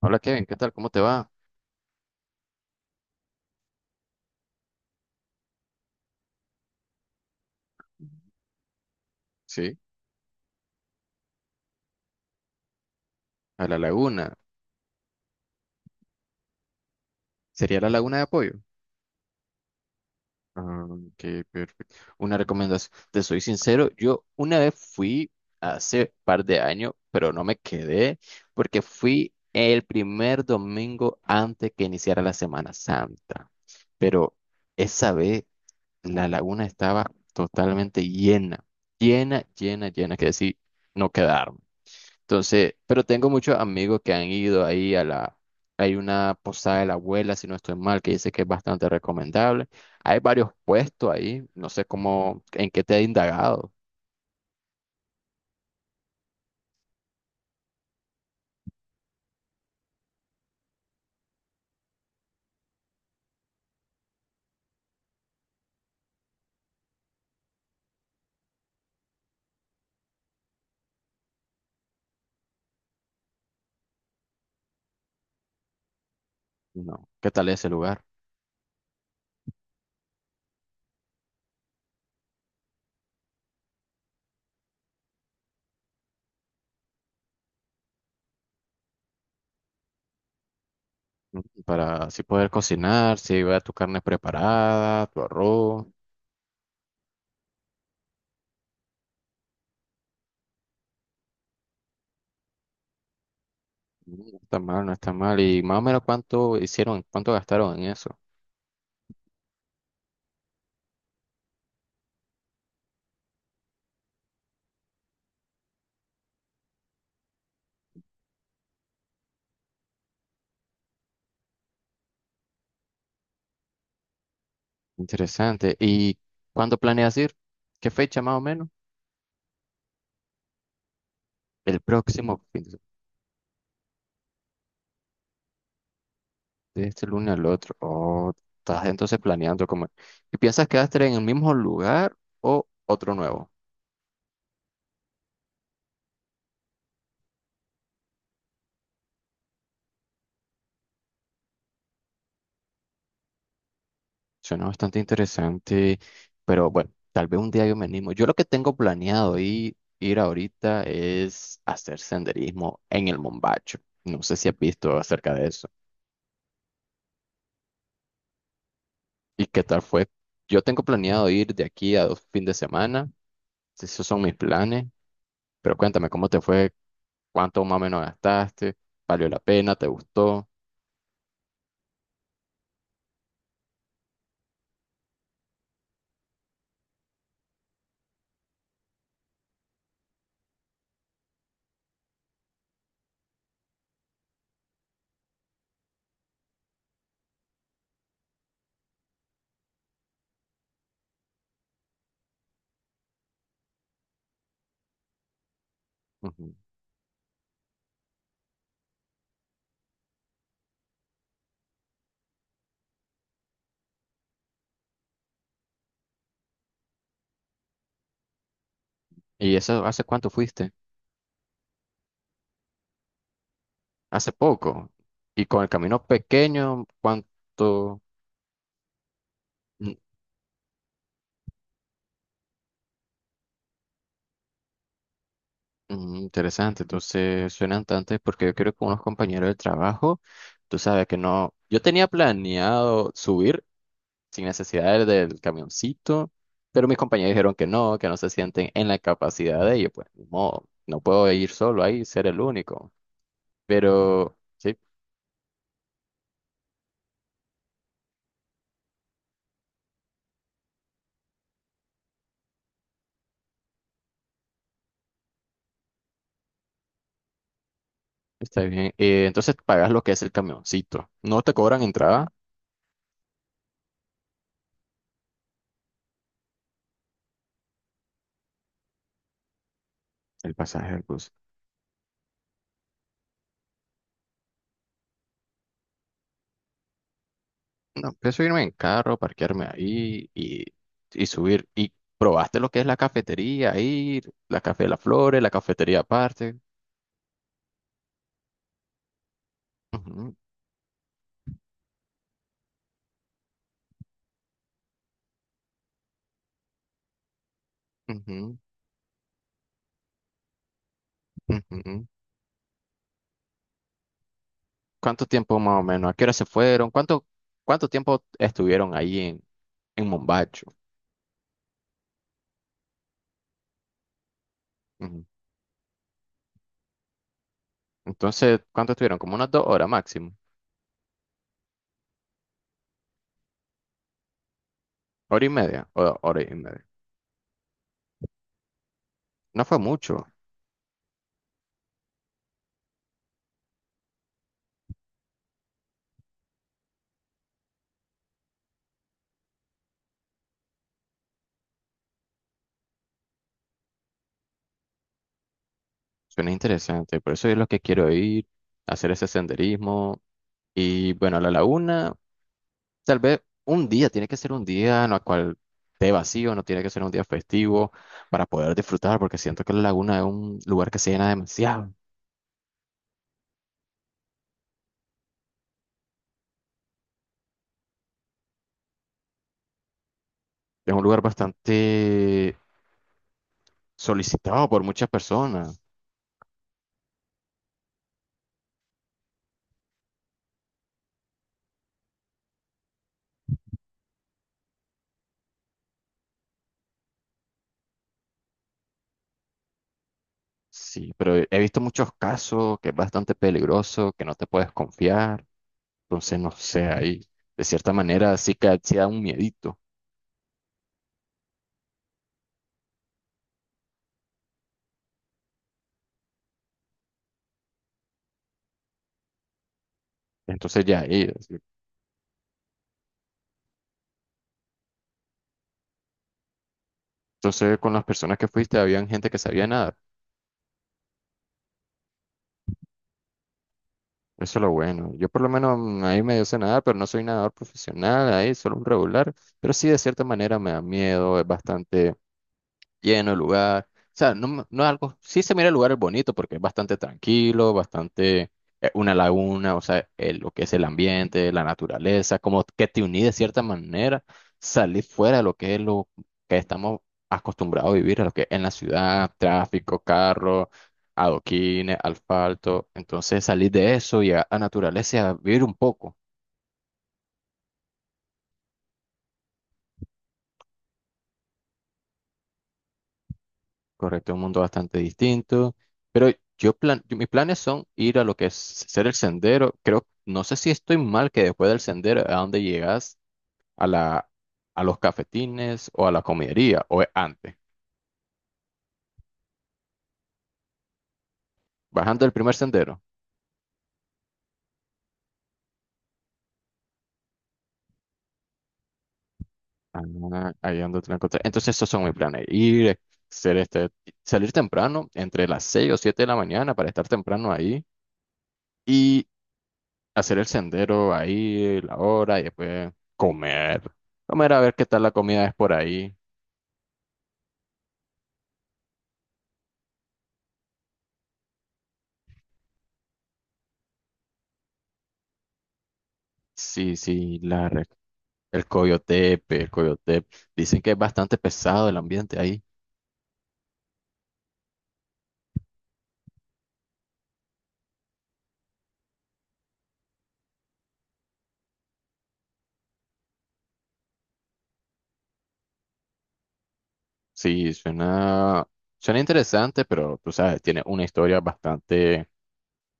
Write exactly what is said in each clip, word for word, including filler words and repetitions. Hola Kevin, ¿qué tal? ¿Cómo te va? Sí, a la laguna. ¿Sería la laguna de apoyo? Ah, ok, perfecto. Una recomendación. Te soy sincero, yo una vez fui hace par de años, pero no me quedé porque fui el primer domingo antes que iniciara la Semana Santa. Pero esa vez la laguna estaba totalmente llena, llena, llena, llena, que decir, no quedarme. Entonces, pero tengo muchos amigos que han ido ahí a la, hay una posada de la abuela, si no estoy mal, que dice que es bastante recomendable. Hay varios puestos ahí, no sé cómo, en qué te he indagado. No, qué tal es ese lugar. Mm, para así poder cocinar, si va tu carne preparada, tu arroz. Mm, no está mal, no está mal, y más o menos cuánto hicieron, cuánto gastaron en eso. Interesante. ¿Y cuándo planeas ir? ¿Qué fecha más o menos? El próximo fin de. De este lunes al otro. Oh, estás entonces planeando como... ¿Y piensas quedarte en el mismo lugar o otro nuevo? Suena bastante interesante, pero bueno, tal vez un día yo me animo. Yo lo que tengo planeado ir, ir ahorita es hacer senderismo en el Mombacho. No sé si has visto acerca de eso. ¿Y qué tal fue? Yo tengo planeado ir de aquí a dos fines de semana. Esos son mis planes. Pero cuéntame, ¿cómo te fue? ¿Cuánto más o menos gastaste? ¿Valió la pena? ¿Te gustó? Ujú. ¿Y eso hace cuánto fuiste? Hace poco. Y con el camino pequeño, ¿cuánto? Mm, mm, interesante. Entonces, suenan tantos porque yo quiero con unos compañeros del trabajo. Tú sabes que no. Yo tenía planeado subir sin necesidad del, del camioncito, pero mis compañeros dijeron que no, que no se sienten en la capacidad de ellos. Pues, ni modo, no puedo ir solo ahí, ser el único. Pero, sí, está bien. Eh, entonces, pagas lo que es el camioncito. No te cobran entrada. El pasaje del bus. No, pienso irme en carro, parquearme ahí y, y subir. ¿Y probaste lo que es la cafetería ahí, la Café de las Flores, la cafetería aparte? Ujú, ujú, ujú. ¿Cuánto tiempo más o menos? ¿A qué hora se fueron? ¿Cuánto, cuánto tiempo estuvieron ahí en, en Mombacho? Ujú. Entonces, ¿cuánto estuvieron? Como unas dos horas máximo. Hora y media, o- hora y media. No fue mucho. Suena interesante. Por eso es lo que quiero ir, hacer ese senderismo. Y bueno, a la laguna. Tal vez un día, tiene que ser un día en el cual esté vacío, no tiene que ser un día festivo para poder disfrutar, porque siento que la laguna es un lugar que se llena demasiado. Es un lugar bastante solicitado por muchas personas. Sí, pero he he visto muchos casos que es bastante peligroso, que no te puedes confiar. Entonces, no sé, ahí de cierta manera sí que sí da un miedito. Entonces, ya ahí. Entonces, con las personas que fuiste, habían gente que sabía nada. Eso es lo bueno. Yo por lo menos mm, ahí medio sé nadar, pero no soy nadador profesional, ahí solo un regular. Pero sí, de cierta manera me da miedo, es bastante lleno el lugar. O sea, no, m- no es algo, sí se mira el lugar es bonito porque es bastante tranquilo, bastante eh, una laguna, o sea, el- lo que es el ambiente, la naturaleza, como que te uní de cierta manera, salir fuera de lo que es lo que estamos acostumbrados a vivir, a lo que es en la ciudad, tráfico, carro, adoquines, asfalto. Entonces salir de eso y a, a naturaleza y a vivir un poco. Correcto, un mundo bastante distinto. Pero yo plan, yo- mis planes son ir a lo que es ser el sendero. Creo, no sé si estoy mal que después del sendero a dónde llegas a la, a los cafetines o a la comidería o es antes, bajando el primer sendero. Ah, ahí ando te la encontré. Entonces esos son mis planes. Ir, eh, ser este, salir temprano entre las seis o siete de la mañana para estar temprano ahí y hacer el sendero ahí, la hora y después comer. Comer a ver qué tal la comida es por ahí. Sí, sí, la, re- el Coyotepe, el Coyotepe. Dicen que es bastante pesado el ambiente ahí. Sí, suena, suena interesante, pero tú sabes, tiene una historia bastante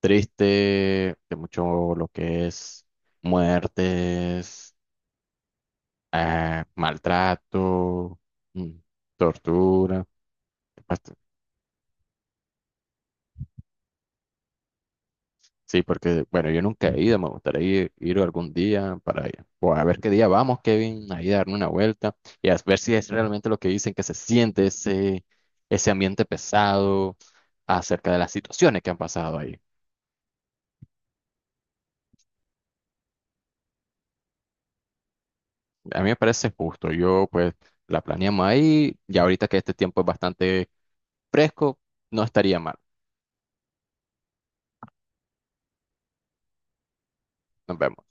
triste, de mucho lo que es muertes, eh, maltrato, mm, tortura. Sí, porque, bueno, yo nunca he ido, me gustaría ir, ir algún día para. O a ver qué día vamos, Kevin, ahí darme una vuelta y a ver si es realmente lo que dicen que se siente ese, ese ambiente pesado acerca de las situaciones que han pasado ahí. A mí me parece justo, yo pues la planeamos ahí y ahorita que este tiempo es bastante fresco, no estaría mal. Nos vemos.